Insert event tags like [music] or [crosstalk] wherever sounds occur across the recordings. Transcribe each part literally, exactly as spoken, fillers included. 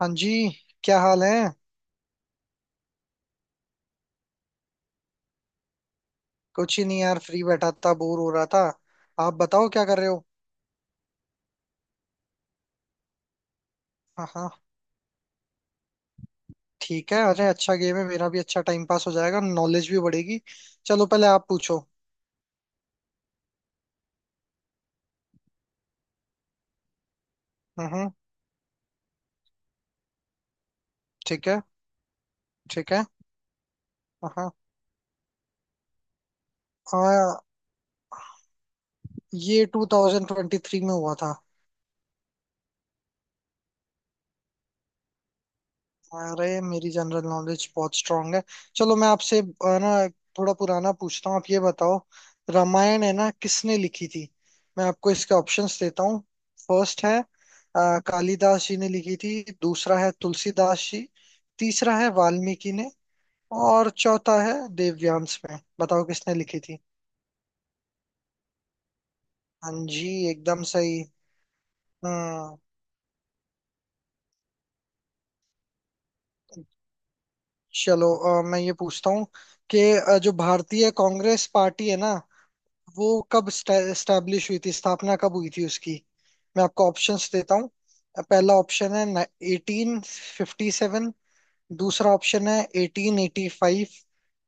हाँ जी। क्या हाल है? कुछ ही नहीं यार, फ्री बैठा था, बोर हो रहा था। आप बताओ क्या कर रहे हो? हाँ हाँ, ठीक है। अरे अच्छा गेम है, मेरा भी अच्छा टाइम पास हो जाएगा, नॉलेज भी बढ़ेगी। चलो, पहले आप पूछो। हम्म। ठीक है। ठीक है। हाँ हाँ। हाँ, ये टू थाउजेंड ट्वेंटी थ्री में हुआ था। अरे मेरी जनरल नॉलेज बहुत स्ट्रांग है। चलो, मैं आपसे अ, ना, थोड़ा पुराना पूछता हूँ। आप ये बताओ, रामायण है ना, किसने लिखी थी? मैं आपको इसके ऑप्शंस देता हूँ। फर्स्ट है अ, कालिदास जी ने लिखी थी, दूसरा है तुलसीदास जी, तीसरा है वाल्मीकि ने, और चौथा है देवव्यांस। में बताओ किसने लिखी थी? हाँ जी, एकदम सही। हम्म। चलो अ, मैं ये पूछता हूँ कि अ, जो भारतीय कांग्रेस पार्टी है ना, वो कब स्टैब्लिश हुई थी, स्थापना कब हुई थी उसकी? मैं आपको ऑप्शंस देता हूँ। पहला ऑप्शन है एटीन फिफ्टी सेवन। दूसरा ऑप्शन है एटीन एटी फाइव।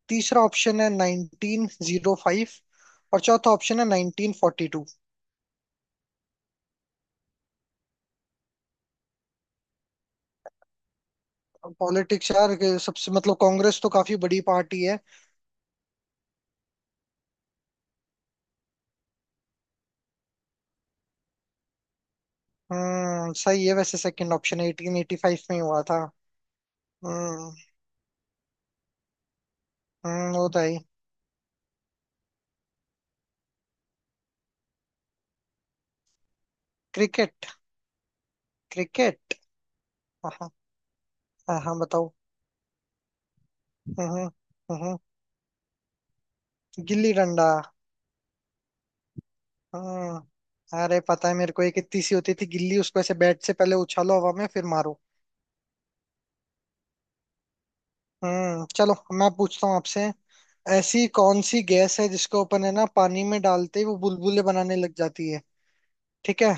तीसरा ऑप्शन है नाइनटीन जीरो फाइव। और चौथा ऑप्शन है नाइनटीन फोर्टी टू। पॉलिटिक्स यार के सबसे, मतलब कांग्रेस तो काफी बड़ी पार्टी है। हम्म, सही है। वैसे second option eighteen eighty five में ही हुआ था। हम्म। हम्म, वो तो है। क्रिकेट। क्रिकेट। हाँ। हाँ हाँ, बताओ। हम्म। हम्म। हम्म। गिल्ली डंडा। हाँ। अरे, पता है मेरे को, एक इतनी सी होती थी गिल्ली, उसको ऐसे बैट से पहले उछालो हवा में, फिर मारो। हम्म। चलो मैं पूछता हूँ आपसे, ऐसी कौन सी गैस है जिसको अपन है ना, पानी में डालते ही वो बुलबुले बनाने लग जाती है? ठीक है,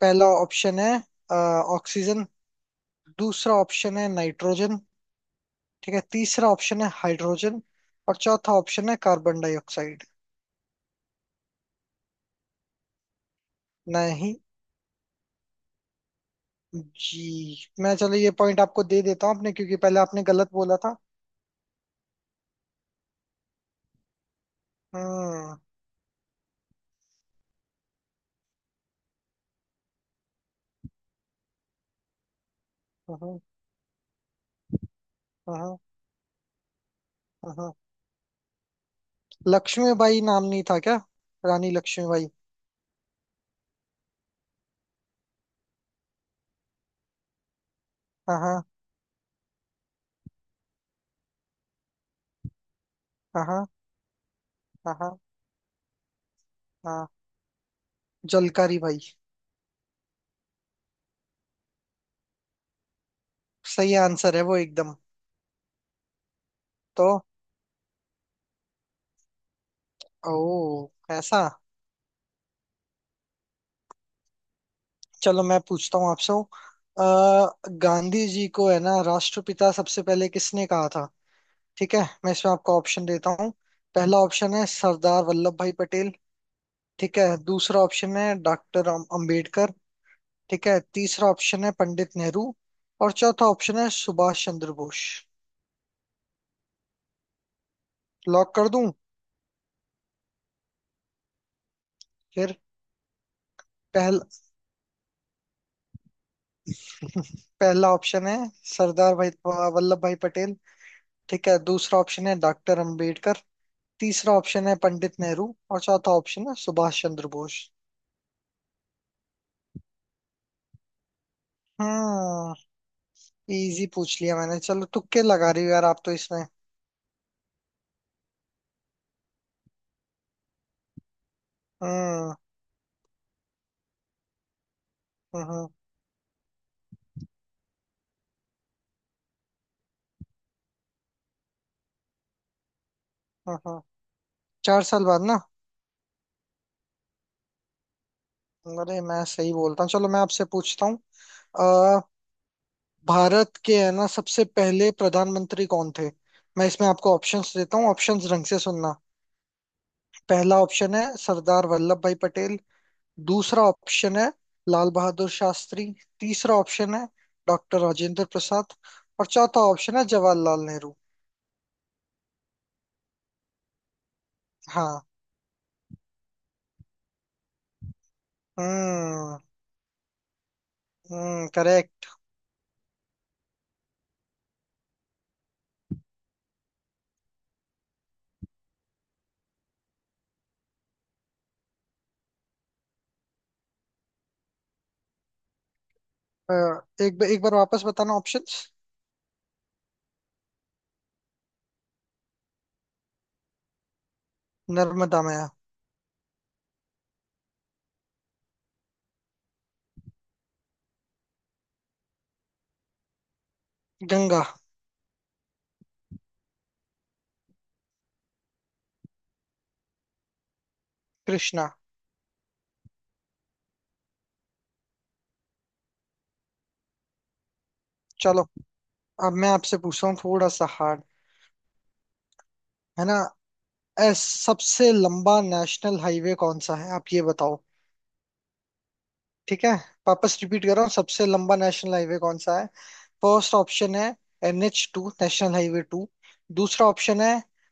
पहला ऑप्शन है ऑक्सीजन। दूसरा ऑप्शन है नाइट्रोजन। ठीक है, तीसरा ऑप्शन है हाइड्रोजन। और चौथा ऑप्शन है कार्बन डाइऑक्साइड। नहीं। जी, मैं, चलो ये पॉइंट आपको दे देता हूँ आपने, क्योंकि पहले आपने गलत बोला था। हम्म। हाँ। हाँ। हाँ। लक्ष्मीबाई नाम नहीं था क्या? रानी लक्ष्मीबाई। हाँ। हाँ। हाँ हाँ। हाँ हाँ। जलकारी भाई। सही आंसर है वो एकदम। तो? ओ, ऐसा? चलो, मैं पूछता हूँ आपसे अ, गांधी जी को है ना, राष्ट्रपिता सबसे पहले किसने कहा था? ठीक है, मैं इसमें आपको ऑप्शन देता हूँ। पहला ऑप्शन है सरदार वल्लभ भाई पटेल। ठीक है, दूसरा ऑप्शन है डॉक्टर अम्बेडकर। ठीक है, तीसरा ऑप्शन है पंडित नेहरू। और चौथा ऑप्शन है सुभाष चंद्र बोस। लॉक कर दूं? फिर। पहल [laughs] पहला ऑप्शन है सरदार भाई वल्लभ भाई पटेल। ठीक है, दूसरा ऑप्शन है डॉक्टर अंबेडकर। तीसरा ऑप्शन है पंडित नेहरू, और चौथा ऑप्शन है सुभाष चंद्र बोस। हम्म। इजी पूछ लिया मैंने, चलो तुक्के लगा रही हो यार आप तो इसमें। हम्म। हम्म। हम्म। हम्म। चार साल बाद ना? अरे मैं सही बोलता हूँ। चलो, मैं आपसे पूछता हूँ, भारत के है ना सबसे पहले प्रधानमंत्री कौन थे? मैं इसमें आपको ऑप्शंस देता हूँ, ऑप्शंस ढंग से सुनना। पहला ऑप्शन है सरदार वल्लभ भाई पटेल। दूसरा ऑप्शन है लाल बहादुर शास्त्री। तीसरा ऑप्शन है डॉक्टर राजेंद्र प्रसाद। और चौथा ऑप्शन है जवाहरलाल नेहरू। हाँ। हम्म। हम्म, करेक्ट। एक एक बार वापस बताना ऑप्शंस। नर्मदा में। गंगा। कृष्णा। चलो, अब मैं आपसे पूछ रहा हूँ थोड़ा सा हार्ड, है ना? एस, सबसे लंबा नेशनल हाईवे कौन सा है आप ये बताओ। ठीक है, वापस रिपीट कर रहा हूँ, सबसे लंबा नेशनल हाईवे कौन सा है? फर्स्ट ऑप्शन है N H two, national highway two. दूसरा ऑप्शन है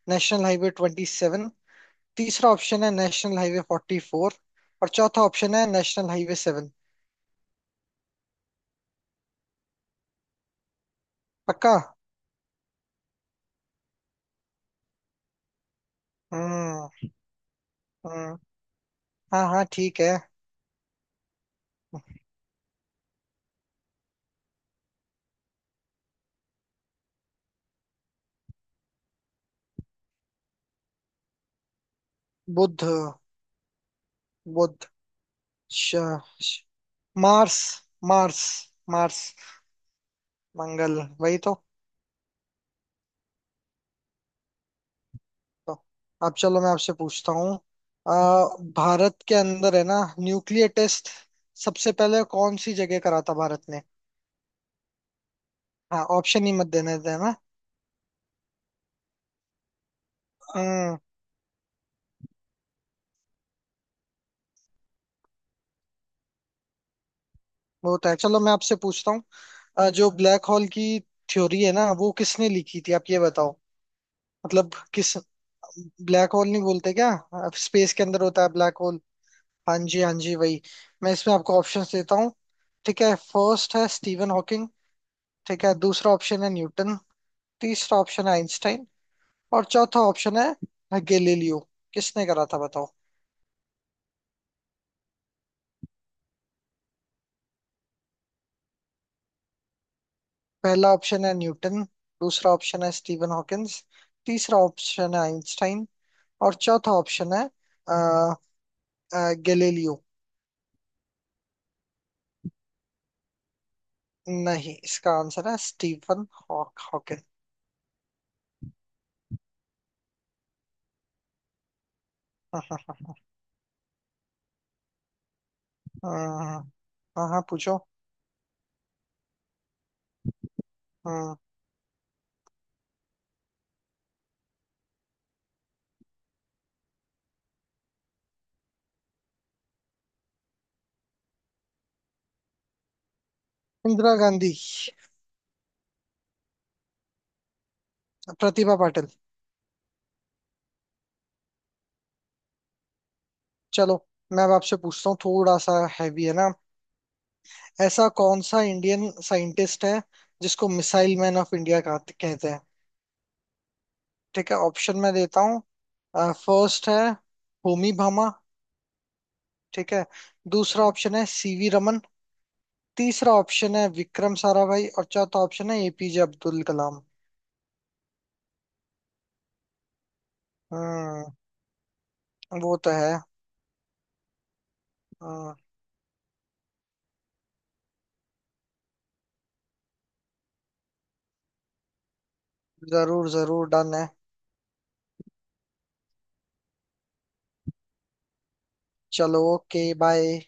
नेशनल हाईवे ट्वेंटी सेवन। तीसरा ऑप्शन है नेशनल हाईवे फोर्टी फोर। और चौथा ऑप्शन है नेशनल हाईवे सेवन। पक्का? हम्म। हम्म। हाँ हाँ, ठीक है। बुध। बुध। श, श, मार्स। मार्स। मार्स। मंगल वही तो। तो अब चलो मैं आपसे पूछता हूँ अ, भारत के अंदर है ना न्यूक्लियर टेस्ट सबसे पहले कौन सी जगह करा था भारत ने? हाँ, ऑप्शन ही मत देने देना। हम्म, वो तो है। चलो मैं आपसे पूछता हूँ अ, जो ब्लैक होल की थ्योरी है ना, वो किसने लिखी थी आप ये बताओ। मतलब किस, ब्लैक होल नहीं बोलते क्या? स्पेस के अंदर होता है ब्लैक होल। हाँ जी, हाँ जी, वही। मैं इसमें आपको ऑप्शन देता हूँ। ठीक है, फर्स्ट है स्टीवन हॉकिंग। ठीक है, दूसरा ऑप्शन है न्यूटन। तीसरा ऑप्शन है आइंस्टाइन। और चौथा ऑप्शन है गैलीलियो। किसने करा था बताओ? पहला ऑप्शन है न्यूटन। दूसरा ऑप्शन है स्टीफन हॉकिंस। तीसरा ऑप्शन है आइंस्टाइन। और चौथा ऑप्शन है अ, अ, गैलीलियो। नहीं, इसका आंसर है स्टीफन हॉक हॉकिंस। [laughs] हाँ। हाँ। हाँ। हाँ हाँ, हाँ, पूछो। हाँ। इंदिरा गांधी। प्रतिभा पाटिल। चलो, मैं अब आपसे पूछता हूँ थोड़ा सा हैवी, है ना? ऐसा कौन सा इंडियन साइंटिस्ट है जिसको मिसाइल मैन ऑफ इंडिया कहते हैं? ठीक है, ऑप्शन मैं देता हूँ। फर्स्ट है होमी भामा। ठीक है, दूसरा ऑप्शन है सी वी रमन। तीसरा ऑप्शन है विक्रम साराभाई। और चौथा ऑप्शन है ए पी जे अब्दुल कलाम। हम्म, वो तो है। हम्म, जरूर जरूर, डन है। चलो, ओके, बाय।